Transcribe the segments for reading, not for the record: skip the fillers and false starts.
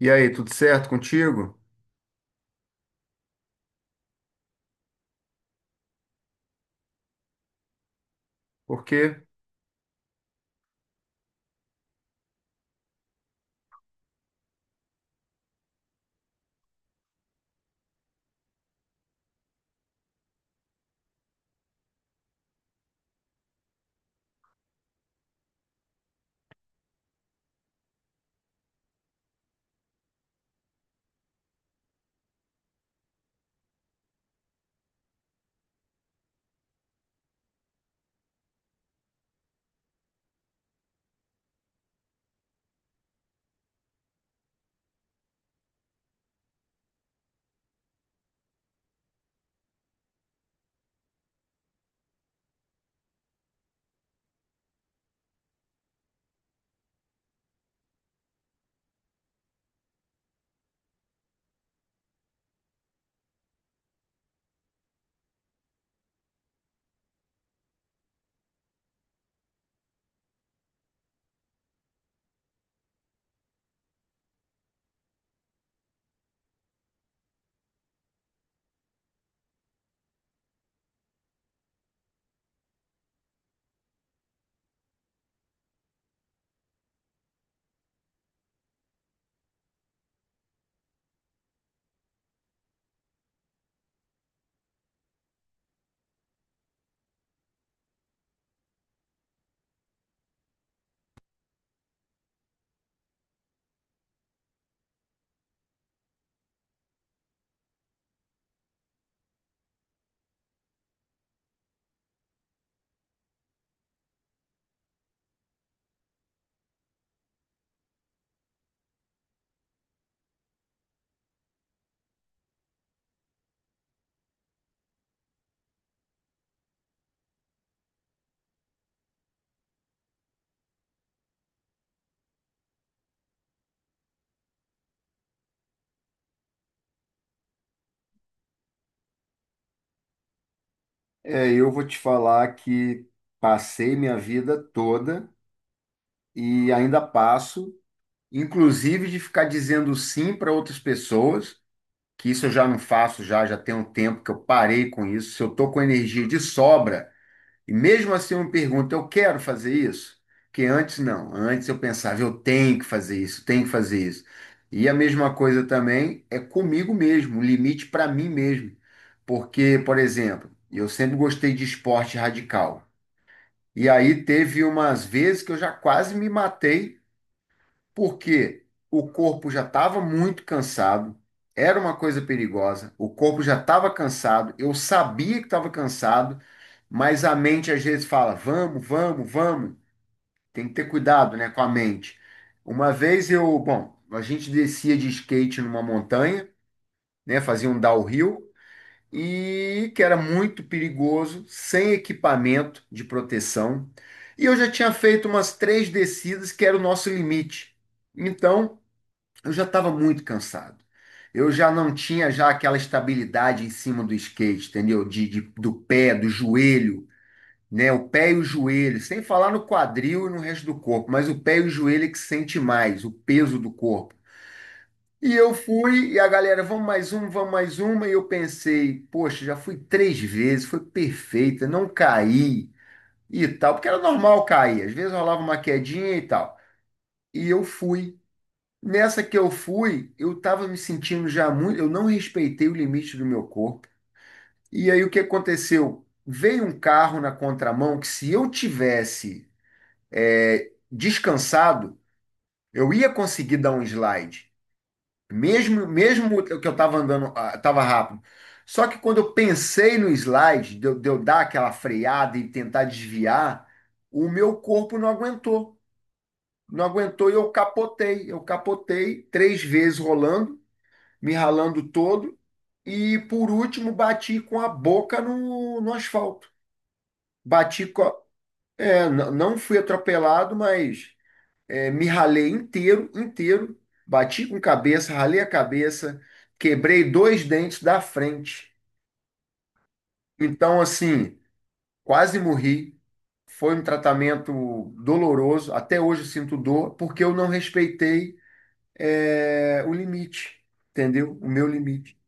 E aí, tudo certo contigo? Porque é, eu vou te falar que passei minha vida toda e ainda passo, inclusive de ficar dizendo sim para outras pessoas, que isso eu já não faço já tem um tempo que eu parei com isso. Se eu tô com energia de sobra, e mesmo assim eu me pergunto, eu quero fazer isso? Que antes não. Antes eu pensava, eu tenho que fazer isso, tenho que fazer isso. E a mesma coisa também é comigo mesmo, o limite para mim mesmo. Porque, por exemplo, eu sempre gostei de esporte radical. E aí teve umas vezes que eu já quase me matei porque o corpo já estava muito cansado, era uma coisa perigosa, o corpo já estava cansado, eu sabia que estava cansado, mas a mente às vezes fala: vamos, vamos, vamos. Tem que ter cuidado, né, com a mente. Uma vez eu, bom, a gente descia de skate numa montanha, né, fazia um downhill. E que era muito perigoso, sem equipamento de proteção. E eu já tinha feito umas três descidas, que era o nosso limite. Então, eu já estava muito cansado. Eu já não tinha já aquela estabilidade em cima do skate, entendeu? De, do pé, do joelho, né? O pé e o joelho, sem falar no quadril e no resto do corpo, mas o pé e o joelho é que sente mais, o peso do corpo. E eu fui, e a galera, vamos mais um, vamos mais uma, e eu pensei, poxa, já fui três vezes, foi perfeita, não caí e tal, porque era normal cair, às vezes rolava uma quedinha e tal. E eu fui. Nessa que eu fui, eu tava me sentindo já muito, eu não respeitei o limite do meu corpo. E aí o que aconteceu? Veio um carro na contramão que se eu tivesse descansado, eu ia conseguir dar um slide, mesmo que eu tava andando, ah, tava rápido. Só que quando eu pensei no slide, de eu dar aquela freada e tentar desviar, o meu corpo não aguentou. Não aguentou e eu capotei. Eu capotei três vezes rolando, me ralando todo. E por último, bati com a boca no asfalto. Bati com a, é, n- Não fui atropelado, mas me ralei inteiro, inteiro. Bati com cabeça, ralei a cabeça, quebrei dois dentes da frente. Então, assim, quase morri. Foi um tratamento doloroso. Até hoje eu sinto dor, porque eu não respeitei, o limite, entendeu? O meu limite.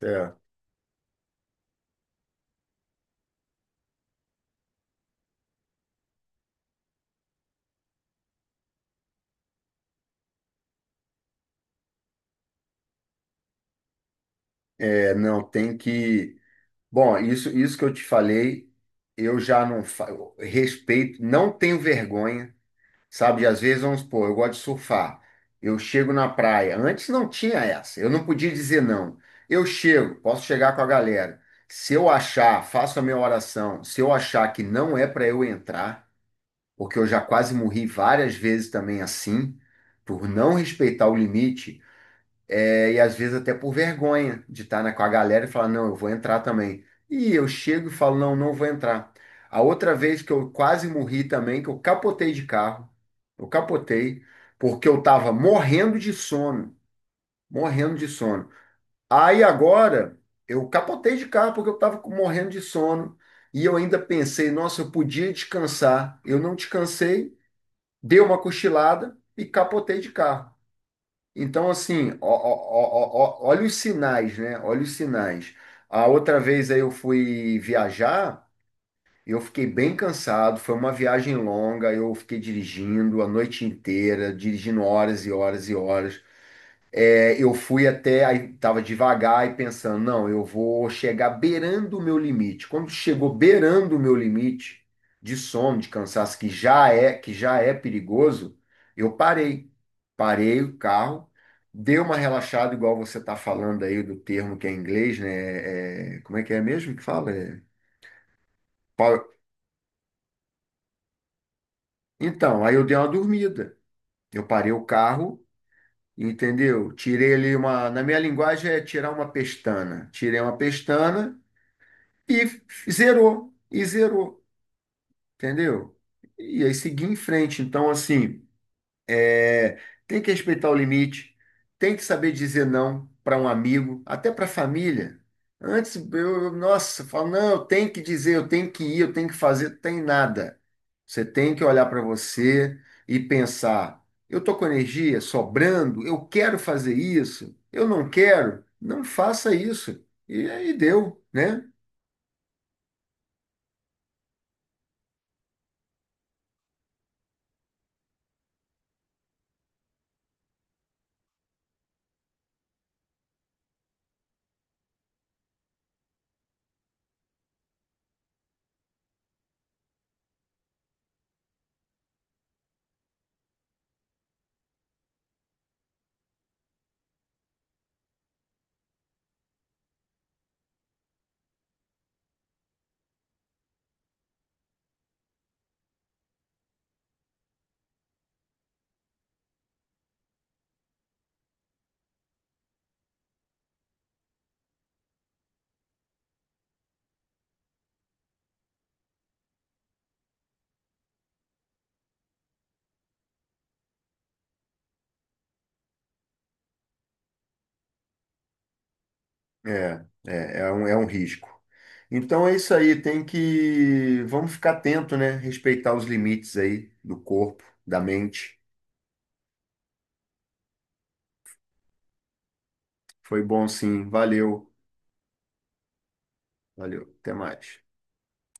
É, é, não, tem que. Bom, isso que eu te falei, eu já não eu respeito, não tenho vergonha, sabe? E às vezes, vamos supor, eu gosto de surfar. Eu chego na praia. Antes não tinha essa, eu não podia dizer não. Eu chego, posso chegar com a galera. Se eu achar, faço a minha oração. Se eu achar que não é para eu entrar, porque eu já quase morri várias vezes também assim, por não respeitar o limite. É, e às vezes até por vergonha de estar né, com a galera e falar, não, eu vou entrar também. E eu chego e falo, não, não vou entrar. A outra vez que eu quase morri também, que eu capotei de carro, eu capotei, porque eu tava morrendo de sono, morrendo de sono. Aí agora eu capotei de carro porque eu tava morrendo de sono. E eu ainda pensei, nossa, eu podia descansar. Eu não descansei, dei uma cochilada e capotei de carro. Então, assim, olha os sinais, né? Olha os sinais. A outra vez aí eu fui viajar, eu fiquei bem cansado, foi uma viagem longa, eu fiquei dirigindo a noite inteira, dirigindo horas e horas e horas. É, eu fui até, aí tava devagar e pensando, não, eu vou chegar beirando o meu limite. Quando chegou beirando o meu limite de sono, de cansaço, que já é perigoso, eu parei. Parei o carro, dei uma relaxada, igual você tá falando aí do termo que é em inglês, né? É, é, como é que é mesmo que fala? É, power- Então, aí eu dei uma dormida. Eu parei o carro. Entendeu? Tirei ali uma. Na minha linguagem é tirar uma pestana. Tirei uma pestana, e e zerou, entendeu? E aí seguir em frente. Então, assim, é, tem que respeitar o limite, tem que saber dizer não para um amigo, até para a família. Antes, nossa, eu falo, não, eu tenho que dizer, eu tenho que ir, eu tenho que fazer, tem nada. Você tem que olhar para você e pensar, eu tô com energia sobrando, eu quero fazer isso, eu não quero, não faça isso. E aí deu, né? É, é, é um risco. Então é isso aí, tem que. Vamos ficar atento, né? Respeitar os limites aí do corpo, da mente. Foi bom sim, valeu, valeu, até mais.